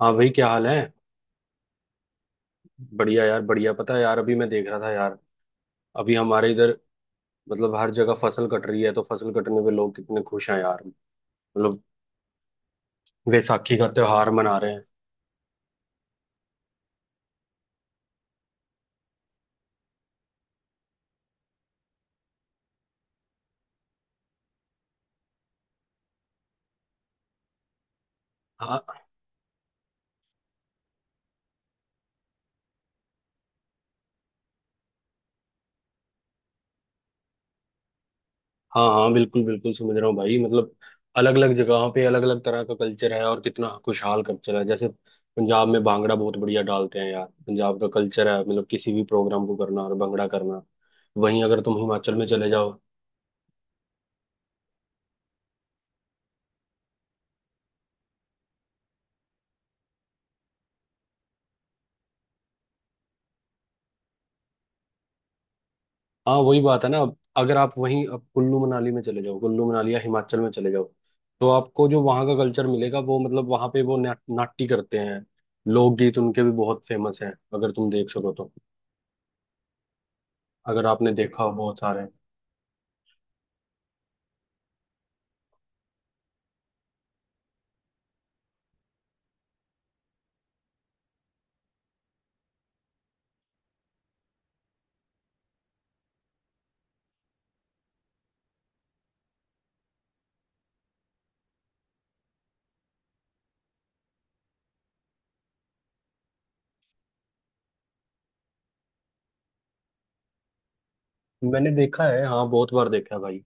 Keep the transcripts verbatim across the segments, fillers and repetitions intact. हाँ भाई, क्या हाल है? बढ़िया यार, बढ़िया। पता है यार, अभी मैं देख रहा था यार। अभी हमारे इधर मतलब हर जगह फसल कट रही है, तो फसल कटने पे लोग कितने खुश हैं यार। मतलब वैसाखी का त्योहार मना रहे हैं। हाँ। हाँ हाँ, बिल्कुल बिल्कुल समझ रहा हूँ भाई। मतलब अलग अलग जगहों पे अलग अलग तरह का कल्चर है, और कितना खुशहाल कल्चर है। जैसे पंजाब में भांगड़ा बहुत बढ़िया डालते हैं यार। पंजाब का कल्चर है, मतलब किसी भी प्रोग्राम को करना और भंगड़ा करना। वहीं अगर तुम हिमाचल में चले जाओ। हाँ, वही बात है ना। अगर आप वहीं अब कुल्लू मनाली में चले जाओ, कुल्लू मनाली या हिमाचल में चले जाओ। तो आपको जो वहाँ का कल्चर मिलेगा वो, मतलब वहाँ पे वो ना, नाट्य करते हैं। लोकगीत उनके भी बहुत फेमस हैं, अगर तुम देख सको तो। अगर आपने देखा हो बहुत सारे। मैंने देखा है, हाँ, बहुत बार देखा है भाई।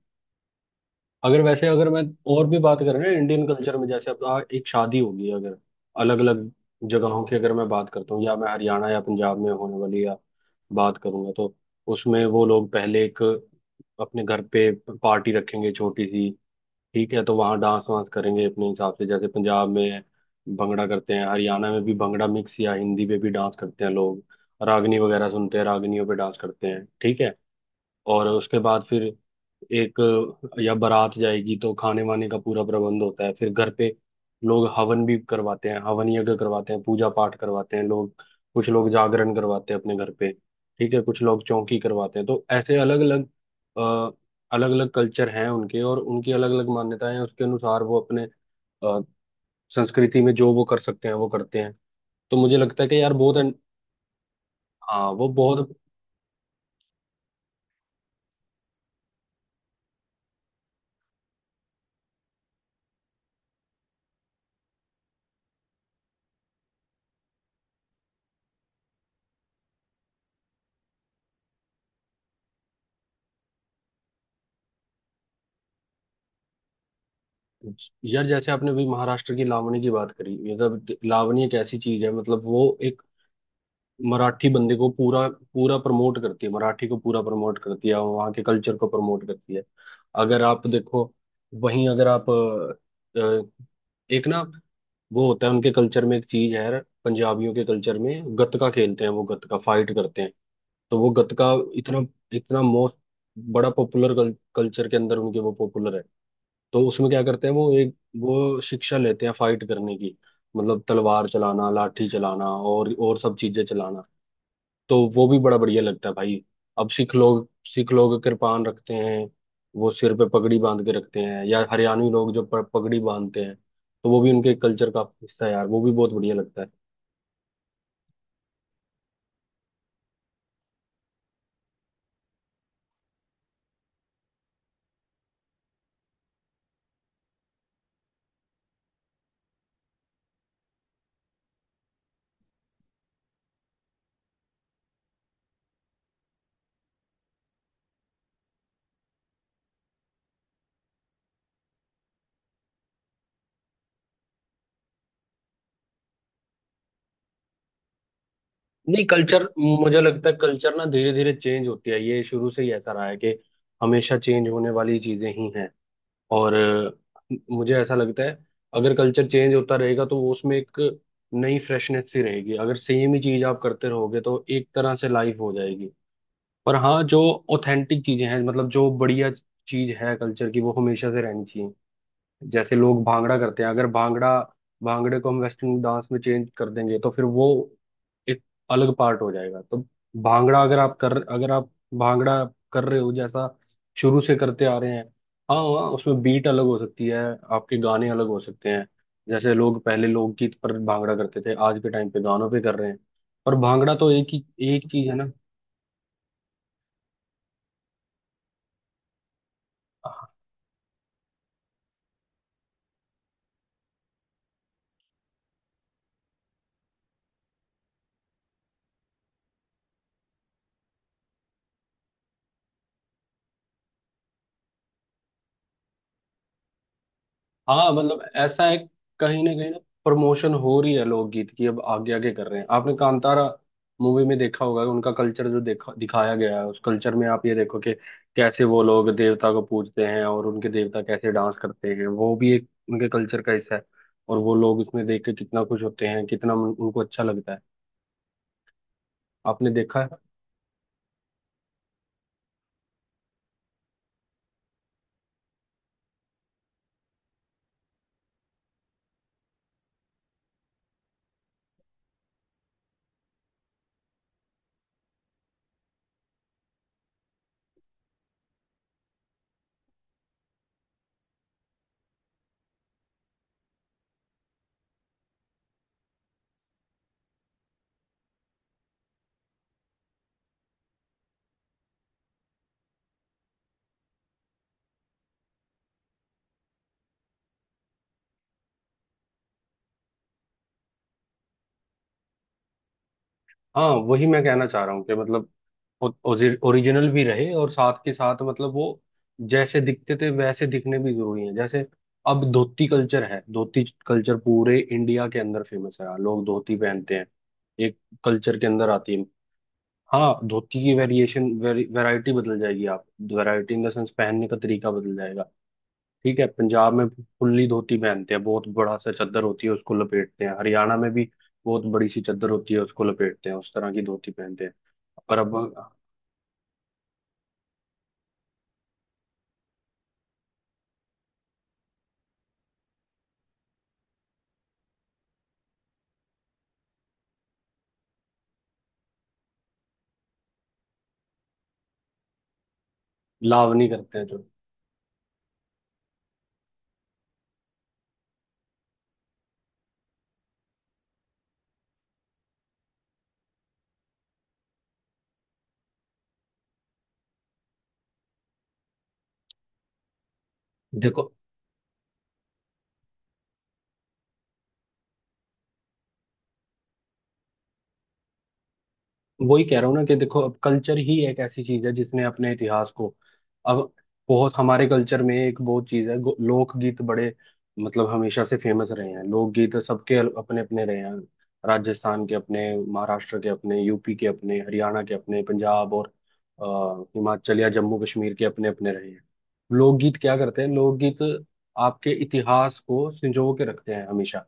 अगर वैसे अगर मैं और भी बात करें ना इंडियन कल्चर में, जैसे अब आ, एक शादी होगी अगर, अलग अलग जगहों की अगर मैं बात करता हूँ, या मैं हरियाणा या पंजाब में होने वाली या बात करूंगा तो उसमें वो लोग पहले एक अपने घर पे पार्टी रखेंगे छोटी सी। ठीक है, तो वहाँ डांस वांस करेंगे अपने हिसाब से। जैसे पंजाब में भंगड़ा करते हैं, हरियाणा में भी भंगड़ा मिक्स या हिंदी पे भी डांस करते हैं लोग। रागनी वगैरह सुनते हैं, रागनियों पे डांस करते हैं। ठीक है। और उसके बाद फिर एक अ, या बारात जाएगी, तो खाने वाने का पूरा प्रबंध होता है फिर घर पे। लोग हवन भी करवाते हैं, हवन यज्ञ करवाते हैं, पूजा पाठ करवाते हैं लोग। कुछ लोग जागरण करवाते हैं अपने घर पे। ठीक है, कुछ लोग चौकी करवाते हैं, तो ऐसे अलग अलग अलग अलग कल्चर हैं उनके, और उनकी अलग अलग मान्यताएं हैं। उसके अनुसार वो अपने अ, संस्कृति में जो वो कर सकते हैं वो करते हैं। तो मुझे लगता है कि यार बहुत। हाँ, वो बहुत। यार जैसे आपने अभी महाराष्ट्र की लावणी की बात करी। मतलब लावणी एक ऐसी चीज है, मतलब वो एक मराठी बंदे को पूरा पूरा प्रमोट करती है, मराठी को पूरा प्रमोट करती है, वहाँ के कल्चर को प्रमोट करती है। अगर आप देखो, वहीं अगर आप अ, अ, एक ना, वो होता है उनके कल्चर में एक चीज है यार, पंजाबियों के कल्चर में गतका खेलते हैं, वो गतका फाइट करते हैं। तो वो गतका इतना, इतना मोस्ट बड़ा पॉपुलर, कल्चर के अंदर उनके वो पॉपुलर है। तो उसमें क्या करते हैं, वो एक वो शिक्षा लेते हैं फाइट करने की। मतलब तलवार चलाना, लाठी चलाना, और और सब चीजें चलाना। तो वो भी बड़ा बढ़िया लगता है भाई। अब सिख लोग सिख लोग कृपान रखते हैं। वो सिर पे पगड़ी बांध के रखते हैं। या हरियाणवी लोग जो प- पगड़ी बांधते हैं, तो वो भी उनके कल्चर का हिस्सा है यार, वो भी बहुत बढ़िया लगता है। नहीं, कल्चर मुझे लगता है कल्चर ना धीरे धीरे चेंज होती है। ये शुरू से ही ऐसा रहा है कि हमेशा चेंज होने वाली चीजें ही हैं। और अ, मुझे ऐसा लगता है, अगर कल्चर चेंज होता रहेगा तो वो उसमें एक नई फ्रेशनेस सी रहेगी। अगर सेम ही चीज आप करते रहोगे, तो एक तरह से लाइफ हो जाएगी। पर हाँ, जो ऑथेंटिक चीजें हैं, मतलब जो बढ़िया चीज है कल्चर की, वो हमेशा से रहनी चाहिए। जैसे लोग भांगड़ा करते हैं। अगर भांगड़ा भांगड़े को हम वेस्टर्न डांस में चेंज कर देंगे तो फिर वो एक अलग पार्ट हो जाएगा। तो भांगड़ा अगर आप कर अगर आप भांगड़ा कर रहे हो जैसा शुरू से करते आ रहे हैं। हाँ हाँ, उसमें बीट अलग हो सकती है, आपके गाने अलग हो सकते हैं। जैसे लोग पहले लोकगीत पर भांगड़ा करते थे, आज के टाइम पे गानों पे कर रहे हैं। पर भांगड़ा तो एक ही, एक चीज है ना। हाँ, मतलब ऐसा है, कहीं ना कहीं ना प्रमोशन हो रही है लोकगीत की, अब आगे आगे कर रहे हैं। आपने कांतारा मूवी में देखा होगा, उनका कल्चर जो देखा दिखाया गया है, उस कल्चर में आप ये देखो कि कैसे वो लोग देवता को पूजते हैं और उनके देवता कैसे डांस करते हैं, वो भी एक उनके कल्चर का हिस्सा है। और वो लोग उसमें देख के कितना खुश होते हैं, कितना उन- उनको अच्छा लगता है। आपने देखा है? हाँ, वही मैं कहना चाह रहा हूँ कि मतलब ओरिजिनल भी रहे और साथ के साथ मतलब वो जैसे दिखते थे वैसे दिखने भी जरूरी है। जैसे अब धोती कल्चर है, धोती कल्चर पूरे इंडिया के अंदर फेमस है, लोग धोती पहनते हैं, एक कल्चर के अंदर आती है। हाँ, धोती की वेरिएशन वैरायटी बदल जाएगी। आप, वैरायटी इन द सेंस पहनने का तरीका बदल जाएगा। ठीक है, पंजाब में फुल्ली धोती पहनते हैं, बहुत बड़ा सा चद्दर होती है, उसको लपेटते हैं। हरियाणा में भी बहुत बड़ी सी चद्दर होती है, उसको लपेटते हैं, उस तरह की धोती पहनते हैं। पर अब लाव नहीं करते हैं जो, देखो। वही कह रहा हूँ ना कि देखो, अब कल्चर ही एक ऐसी चीज है जिसने अपने इतिहास को, अब बहुत हमारे कल्चर में एक बहुत चीज है, गो- लोकगीत बड़े मतलब हमेशा से फेमस रहे हैं। लोकगीत सबके अपने अपने रहे हैं। राजस्थान के अपने, महाराष्ट्र के अपने, यूपी के अपने, हरियाणा के अपने, पंजाब और अ, हिमाचल या जम्मू कश्मीर के अपने अपने रहे हैं। लोकगीत क्या करते हैं, लोकगीत आपके इतिहास को संजो के रखते हैं हमेशा।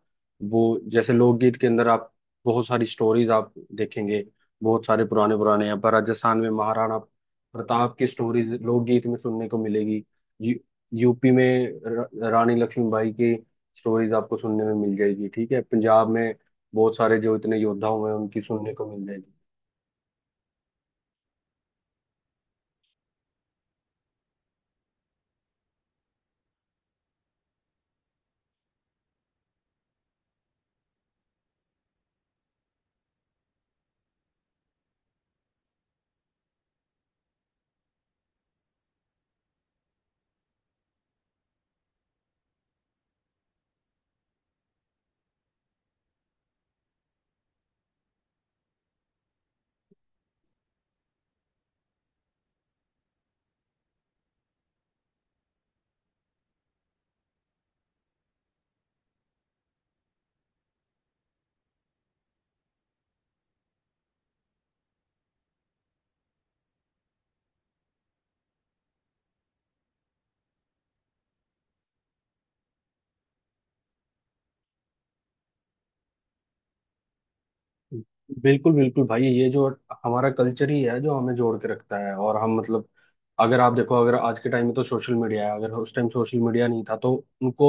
वो जैसे लोकगीत के अंदर आप बहुत सारी स्टोरीज आप देखेंगे। बहुत सारे पुराने पुराने, यहाँ पर राजस्थान में महाराणा प्रताप की स्टोरीज लोकगीत में सुनने को मिलेगी। यू, यूपी में र- रानी लक्ष्मीबाई की स्टोरीज आपको सुनने में मिल जाएगी। ठीक है, पंजाब में बहुत सारे जो इतने योद्धा हुए हैं उनकी सुनने को मिल जाएगी। बिल्कुल बिल्कुल भाई, ये जो हमारा कल्चर ही है जो हमें जोड़ के रखता है, और हम मतलब, अगर आप देखो, अगर आज के टाइम में तो सोशल मीडिया है। अगर उस टाइम सोशल मीडिया नहीं था तो उनको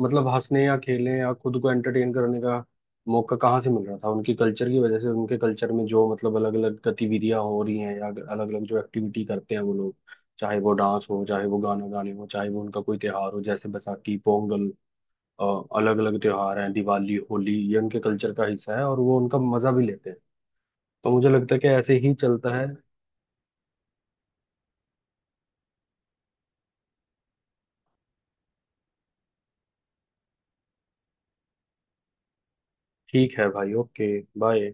मतलब हंसने या खेलने या खुद को एंटरटेन करने का मौका कहाँ से मिल रहा था? उनके कल्चर की वजह से। उनके कल्चर में जो मतलब अलग अलग गतिविधियां हो रही हैं या अलग अलग जो एक्टिविटी करते हैं वो लोग, चाहे वो डांस हो, चाहे वो गाना गाने हो, चाहे वो उनका कोई त्योहार हो, जैसे बैसाखी, पोंगल, अलग अलग त्योहार हैं, दिवाली, होली, ये उनके कल्चर का हिस्सा है और वो उनका मजा भी लेते हैं। तो मुझे लगता है कि ऐसे ही चलता है। ठीक है भाई, ओके, बाय।